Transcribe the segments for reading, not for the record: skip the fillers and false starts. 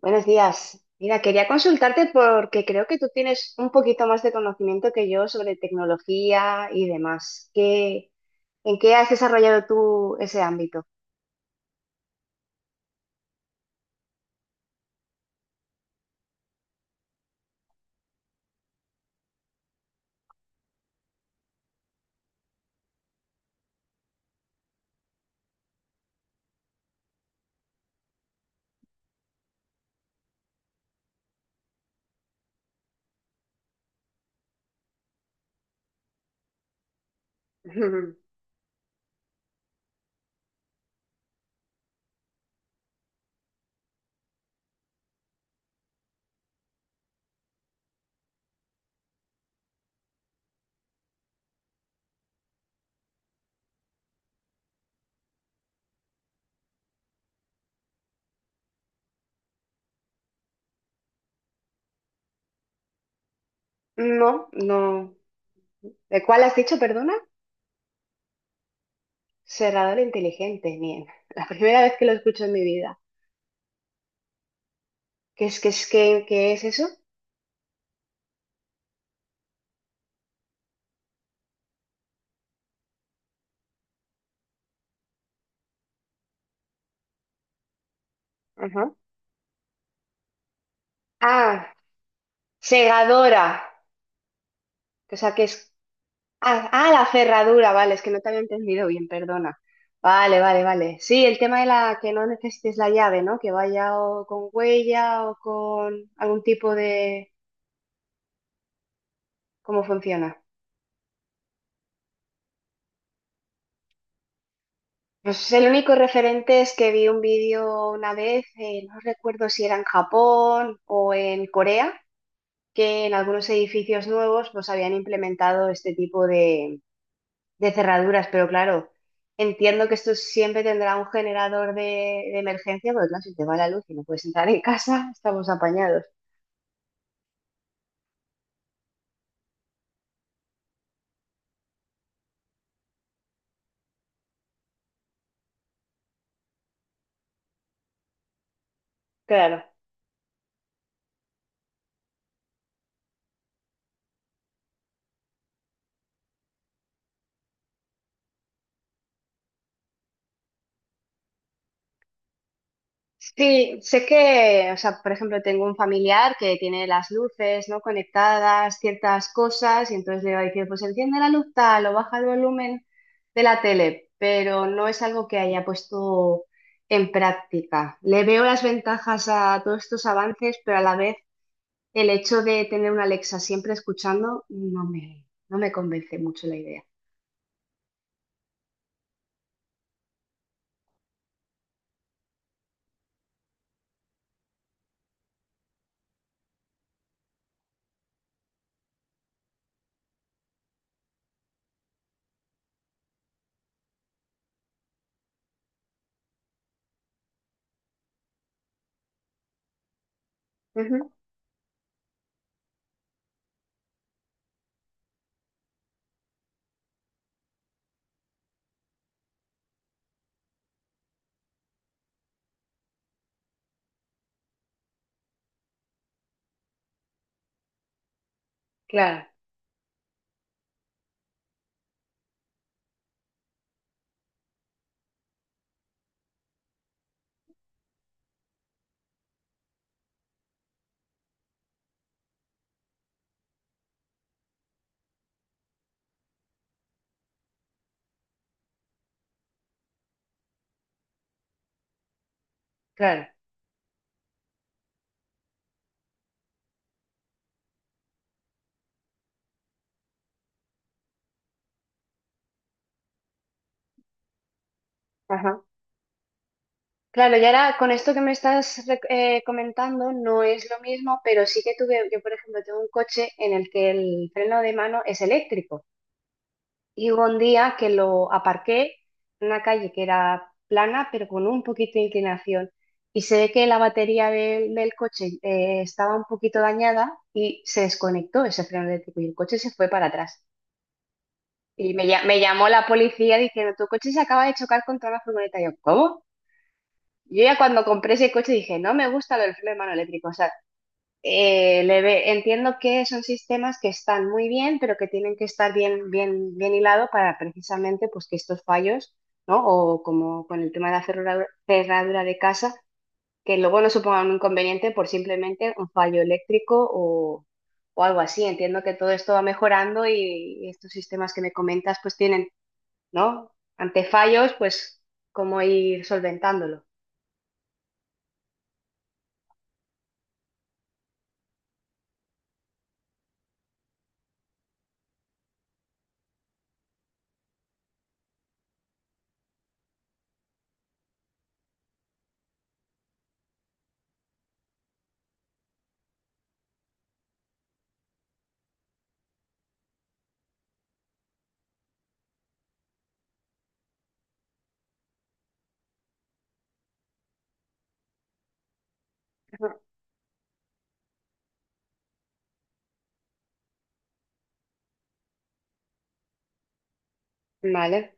Buenos días. Mira, quería consultarte porque creo que tú tienes un poquito más de conocimiento que yo sobre tecnología y demás. ¿Qué, en qué has desarrollado tú ese ámbito? No, no. ¿De cuál has dicho, perdona? Cerrador inteligente, bien. La primera vez que lo escucho en mi vida. ¿Qué es, qué es, qué, qué es eso? Ajá. Ah, segadora. O sea, que es. Ah, ah, la cerradura, vale, es que no te había entendido bien, perdona. Vale, vale, vale. Sí, el tema de la que no necesites la llave, ¿no? Que vaya o con huella o con algún tipo de... ¿Cómo funciona? Pues el único referente es que vi un vídeo una vez, no recuerdo si era en Japón o en Corea, que en algunos edificios nuevos pues habían implementado este tipo de cerraduras, pero claro, entiendo que esto siempre tendrá un generador de emergencia, porque claro, si te va la luz y no puedes entrar en casa, estamos apañados. Claro. Sí, sé que, o sea, por ejemplo, tengo un familiar que tiene las luces, ¿no? conectadas, ciertas cosas, y entonces le va a decir, pues enciende la luz tal o baja el volumen de la tele, pero no es algo que haya puesto en práctica. Le veo las ventajas a todos estos avances, pero a la vez. El hecho de tener una Alexa siempre escuchando no me, no me convence mucho la idea. Ujú, claro, claro. Ajá. Claro, y ahora con esto que me estás comentando no es lo mismo, pero sí que tuve, yo por ejemplo tengo un coche en el que el freno de mano es eléctrico y hubo un día que lo aparqué en una calle que era plana pero con un poquito de inclinación y se ve que la batería del coche estaba un poquito dañada y se desconectó ese freno eléctrico y el coche se fue para atrás. Y me, me llamó la policía diciendo, tu coche se acaba de chocar contra una furgoneta. Y yo, ¿cómo? Yo ya cuando compré ese coche dije, no me gusta lo del freno de mano eléctrico. O sea, entiendo que son sistemas que están muy bien, pero que tienen que estar bien, bien, bien hilado para precisamente pues, que estos fallos, ¿no? O como con el tema de la cerradura, cerradura de casa, que luego no supongan un inconveniente por simplemente un fallo eléctrico o algo así. Entiendo que todo esto va mejorando y estos sistemas que me comentas pues tienen, ¿no? Ante fallos, pues, cómo ir solventándolo. Ujú. Vale,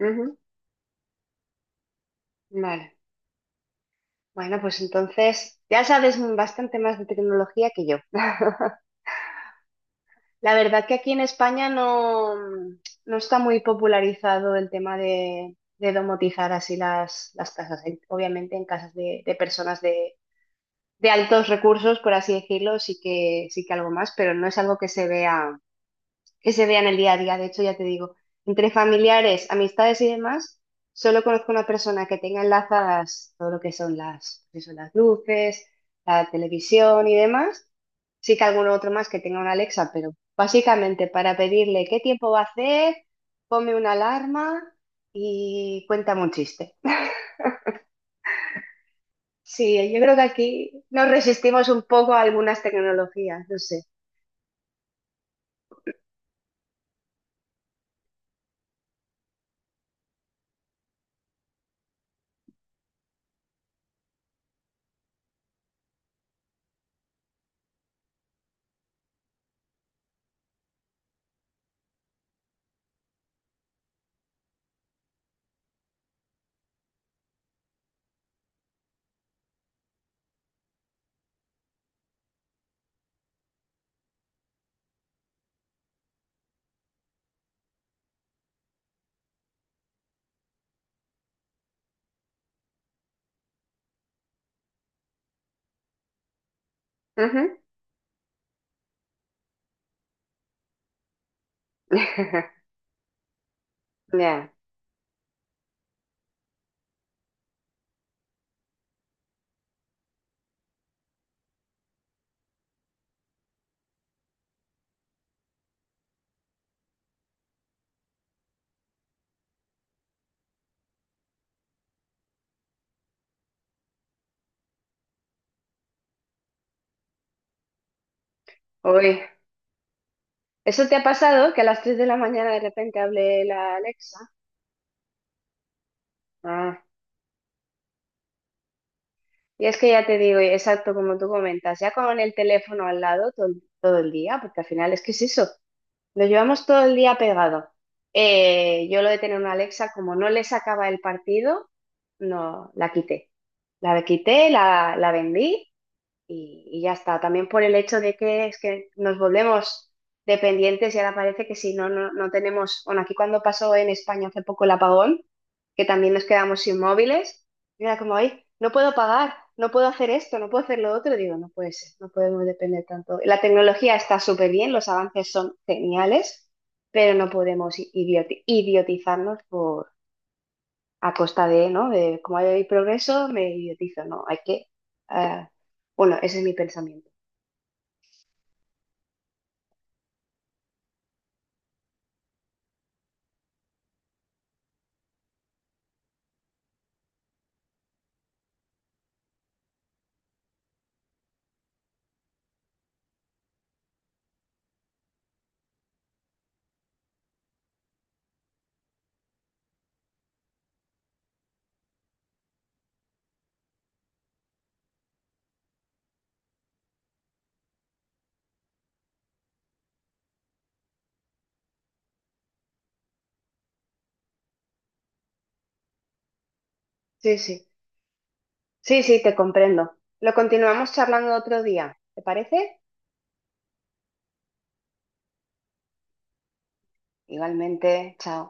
ujú, vale. Bueno, pues entonces ya sabes bastante más de tecnología que yo. La verdad que aquí en España no, no está muy popularizado el tema de domotizar así las casas. Obviamente en casas de personas de altos recursos, por así decirlo, sí que algo más, pero no es algo que se vea. Que se vean el día a día. De hecho, ya te digo, entre familiares, amistades y demás, solo conozco una persona que tenga enlazadas todo lo que son las luces, la televisión y demás. Sí que alguno otro más que tenga una Alexa, pero básicamente para pedirle qué tiempo va a hacer, ponme una alarma y cuéntame un chiste. Sí, yo creo que aquí nos resistimos un poco a algunas tecnologías, no sé. Ujú. Ya, uy. ¿Eso te ha pasado? Que a las 3 de la mañana de repente hable la Alexa. Ah, y es que ya te digo, y exacto como tú comentas, ya con el teléfono al lado todo, todo el día, porque al final es que es eso, lo llevamos todo el día pegado. Yo lo de tener una Alexa, como no le sacaba el partido, no, la quité. La quité, la vendí y ya está. También por el hecho de que es que nos volvemos dependientes y ahora parece que si no, no, no tenemos, bueno, aquí cuando pasó en España hace poco el apagón, que también nos quedamos inmóviles, y era como, ay, no puedo pagar, no puedo hacer esto, no puedo hacer lo otro, y digo, no puede ser, no podemos depender tanto. La tecnología está súper bien, los avances son geniales, pero no podemos idiotizarnos por... a costa de, ¿no? De como hay progreso, me idiotizo, no, hay que... ah, bueno, ese es mi pensamiento. Sí, sí, sí, sí, te comprendo. Lo continuamos charlando otro día, ¿te parece? Igualmente, chao.